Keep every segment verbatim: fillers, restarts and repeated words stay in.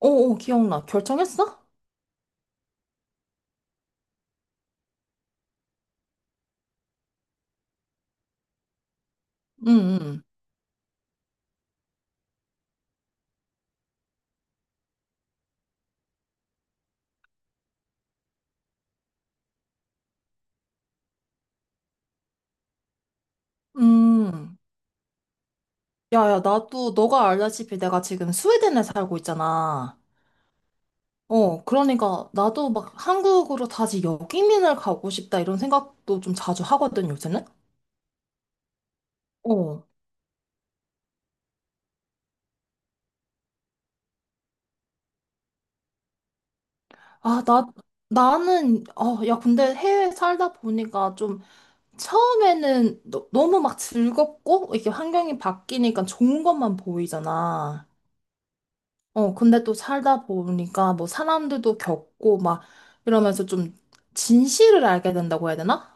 오, 오, 기억나. 결정했어? 응, 응, 응. 야, 야, 나도, 너가 알다시피 내가 지금 스웨덴에 살고 있잖아. 어, 그러니까 나도 막 한국으로 다시 역이민을 가고 싶다 이런 생각도 좀 자주 하거든, 요새는? 어. 아, 나, 나는, 어, 야, 근데 해외 살다 보니까 좀 처음에는 너, 너무 막 즐겁고, 이게 환경이 바뀌니까 좋은 것만 보이잖아. 어, 근데 또 살다 보니까 뭐 사람들도 겪고 막 이러면서 좀 진실을 알게 된다고 해야 되나?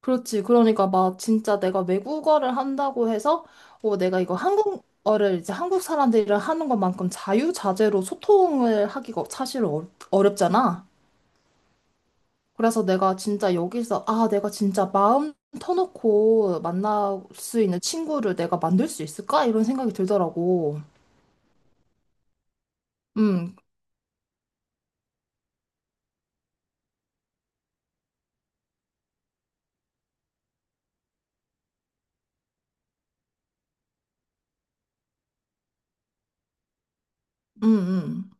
그렇지. 그러니까 막 진짜 내가 외국어를 한다고 해서 어, 내가 이거 한국어를 이제 한국 사람들이랑 하는 것만큼 자유자재로 소통을 하기가 사실 어, 어렵잖아. 그래서 내가 진짜 여기서 아, 내가 진짜 마음 터놓고 만날 수 있는 친구를 내가 만들 수 있을까? 이런 생각이 들더라고. 음, 음, 음.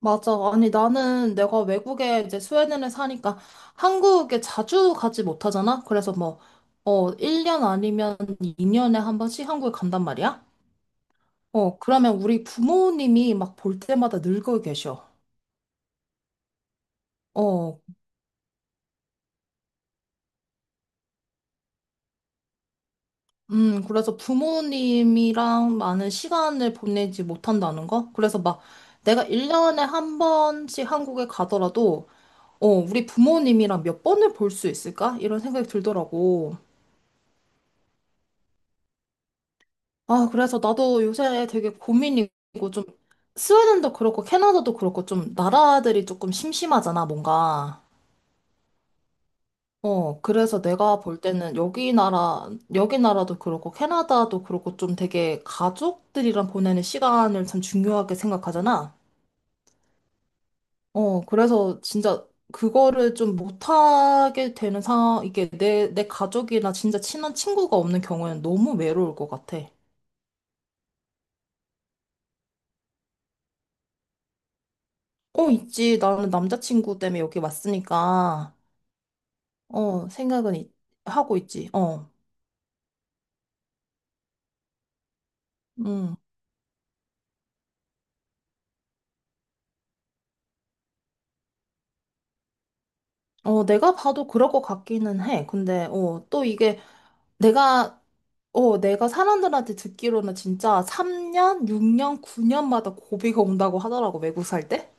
맞아. 아니, 나는 내가 외국에 이제 스웨덴에 사니까 한국에 자주 가지 못하잖아? 그래서 뭐, 어, 일 년 아니면 이 년에 한 번씩 한국에 간단 말이야? 어, 그러면 우리 부모님이 막 볼 때마다 늙어 계셔. 어, 음, 그래서 부모님이랑 많은 시간을 보내지 못한다는 거? 그래서 막 내가 일 년에 한 번씩 한국에 가더라도, 어, 우리 부모님이랑 몇 번을 볼 수 있을까? 이런 생각이 들더라고. 아, 그래서 나도 요새 되게 고민이고 좀 스웨덴도 그렇고 캐나다도 그렇고 좀 나라들이 조금 심심하잖아, 뭔가. 어, 그래서 내가 볼 때는 여기 나라, 여기 나라도 그렇고 캐나다도 그렇고 좀 되게 가족들이랑 보내는 시간을 참 중요하게 생각하잖아. 어, 그래서 진짜 그거를 좀 못하게 되는 상황, 이게 내, 내 가족이나 진짜 친한 친구가 없는 경우에는 너무 외로울 것 같아. 어, 있지. 나는 남자친구 때문에 여기 왔으니까. 어, 생각은 있- 하고 있지. 어, 음. 어, 내가 봐도 그럴 것 같기는 해. 근데, 어, 또 이게 내가, 어, 내가 사람들한테 듣기로는 진짜 삼 년, 육 년, 구 년마다 고비가 온다고 하더라고, 외국 살 때.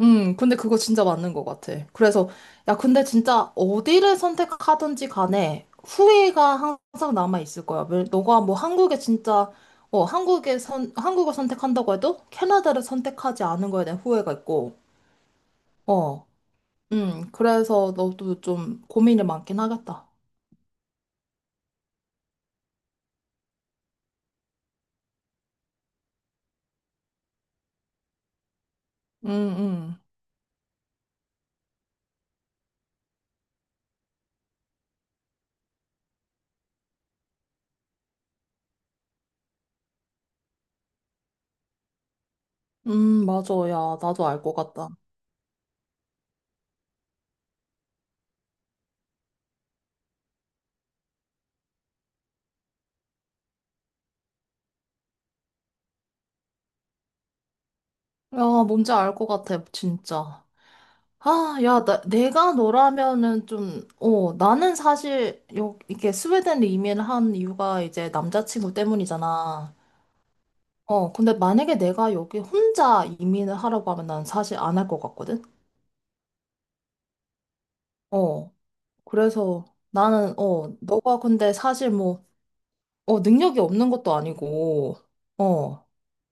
음, 근데 그거 진짜 맞는 것 같아. 그래서, 야, 근데 진짜 어디를 선택하든지 간에 후회가 항상 남아있을 거야. 왜- 너가 뭐 한국에 진짜, 어, 한국에 선, 한국을 선택한다고 해도 캐나다를 선택하지 않은 거에 대한 후회가 있고, 어, 음, 그래서 너도 좀 고민이 많긴 하겠다. 음, 음. 음, 맞아. 야, 나도 알 것 같다. 야, 뭔지 알 것 같아, 진짜. 아, 야, 나, 내가 너라면은 좀, 어, 나는 사실, 여, 이렇게 스웨덴 이민을 한 이유가 이제 남자친구 때문이잖아. 어, 근데 만약에 내가 여기 혼자 이민을 하라고 하면 난 사실 안 할 것 같거든? 어, 그래서 나는, 어, 너가 근데 사실 뭐, 어, 능력이 없는 것도 아니고, 어.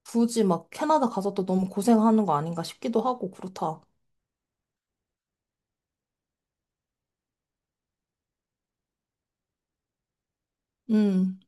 굳이 막 캐나다 가서 또 너무 고생하는 거 아닌가 싶기도 하고 그렇다. 음,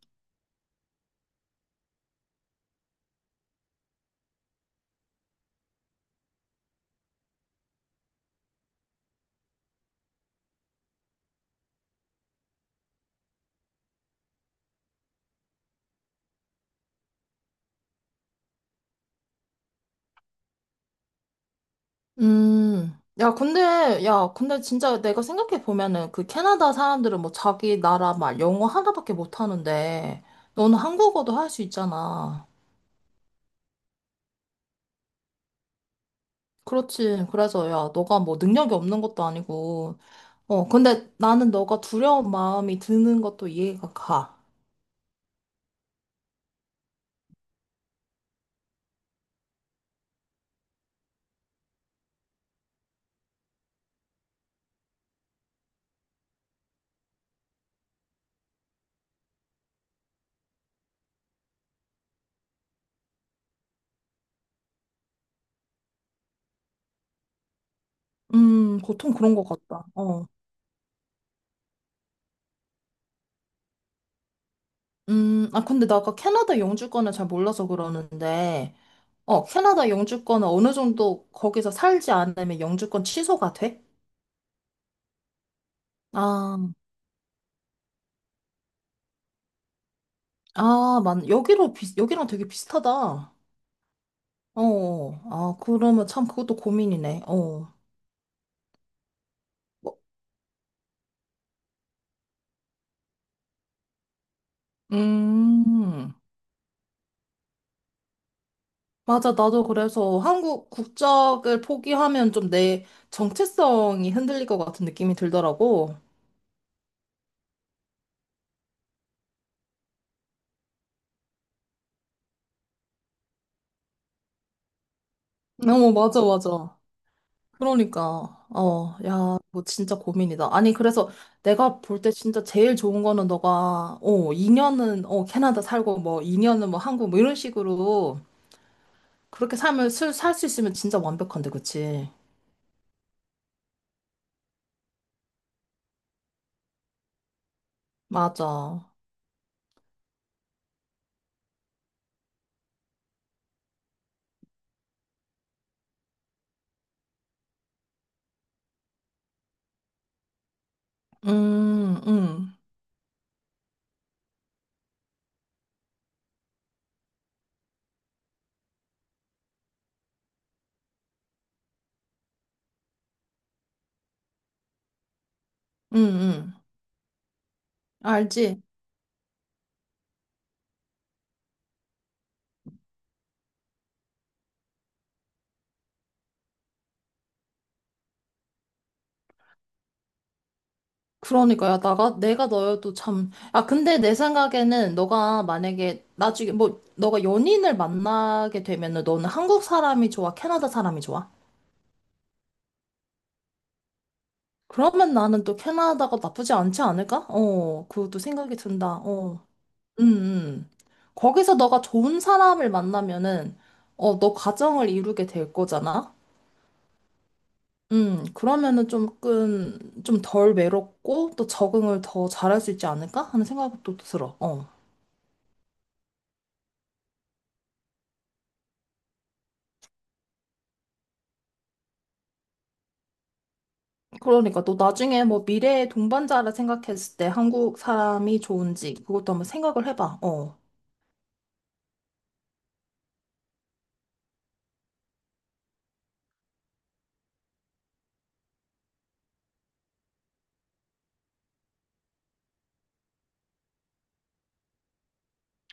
음. 야, 근데, 야, 근데 진짜 내가 생각해 보면은 그 캐나다 사람들은 뭐 자기 나라 말 영어 하나밖에 못 하는데 너는 한국어도 할 수 있잖아. 그렇지. 그래서 야, 너가 뭐 능력이 없는 것도 아니고. 어, 근데 나는 너가 두려운 마음이 드는 것도 이해가 가. 음, 보통 그런 것 같다. 어. 음, 아, 근데 나 아까 캐나다 영주권을 잘 몰라서 그러는데, 어, 캐나다 영주권은 어느 정도 거기서 살지 않으면 영주권 취소가 돼? 아, 아, 만 여기로 비, 여기랑 되게 비슷하다. 어, 아, 그러면 참 그것도 고민이네. 어. 뭐, 음, 맞아. 나도 그래서 한국 국적을 포기하면 좀 내 정체성이 흔들릴 것 같은 느낌이 들더라고. 어, 맞아, 맞아. 그러니까, 어, 야, 뭐 진짜 고민이다. 아니, 그래서 내가 볼 때 진짜 제일 좋은 거는 너가, 어, 이 년은, 어, 캐나다 살고, 뭐, 이 년은 뭐, 한국, 뭐, 이런 식으로 그렇게 삶을 살 수 있으면 진짜 완벽한데, 그치? 맞아. 음, 음, 음, 음. 알지? 그러니까, 야, 나가, 내가 너여도 참. 아, 근데 내 생각에는 너가 만약에 나중에, 뭐, 너가 연인을 만나게 되면은 너는 한국 사람이 좋아? 캐나다 사람이 좋아? 그러면 나는 또 캐나다가 나쁘지 않지 않을까? 어, 그것도 생각이 든다. 어, 음, 음. 거기서 너가 좋은 사람을 만나면은, 어, 너 가정을 이루게 될 거잖아? 음, 그러면은 조금, 좀 덜 외롭고, 또 적응을 더 잘할 수 있지 않을까? 하는 생각도 들어. 어. 그러니까 또 나중에 뭐 미래의 동반자라 생각했을 때 한국 사람이 좋은지, 그것도 한번 생각을 해봐. 어.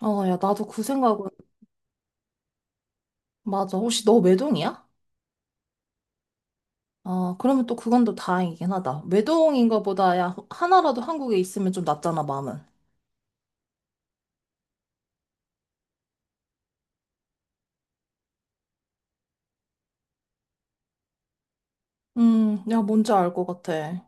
어, 야, 나도 그 생각은, 맞아. 혹시 너 외동이야? 아, 그러면 또 그건 또 다행이긴 하다. 외동인 것보다 야, 하나라도 한국에 있으면 좀 낫잖아, 마음은. 음, 야, 뭔지 알 것 같아.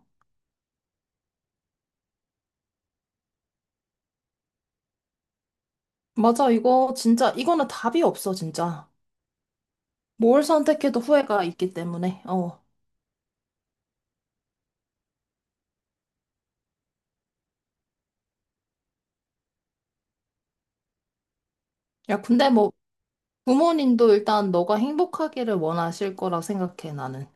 맞아, 이거 진짜, 이거는 답이 없어, 진짜. 뭘 선택해도 후회가 있기 때문에, 어. 야, 근데 뭐, 부모님도 일단 너가 행복하기를 원하실 거라 생각해, 나는.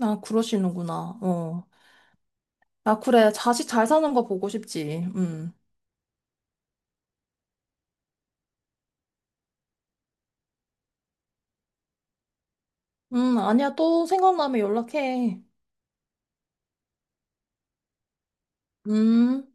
아, 그러시는구나, 어. 아, 그래, 자식 잘 사는 거 보고 싶지, 음. 음, 아니야, 또 생각나면 연락해. 음.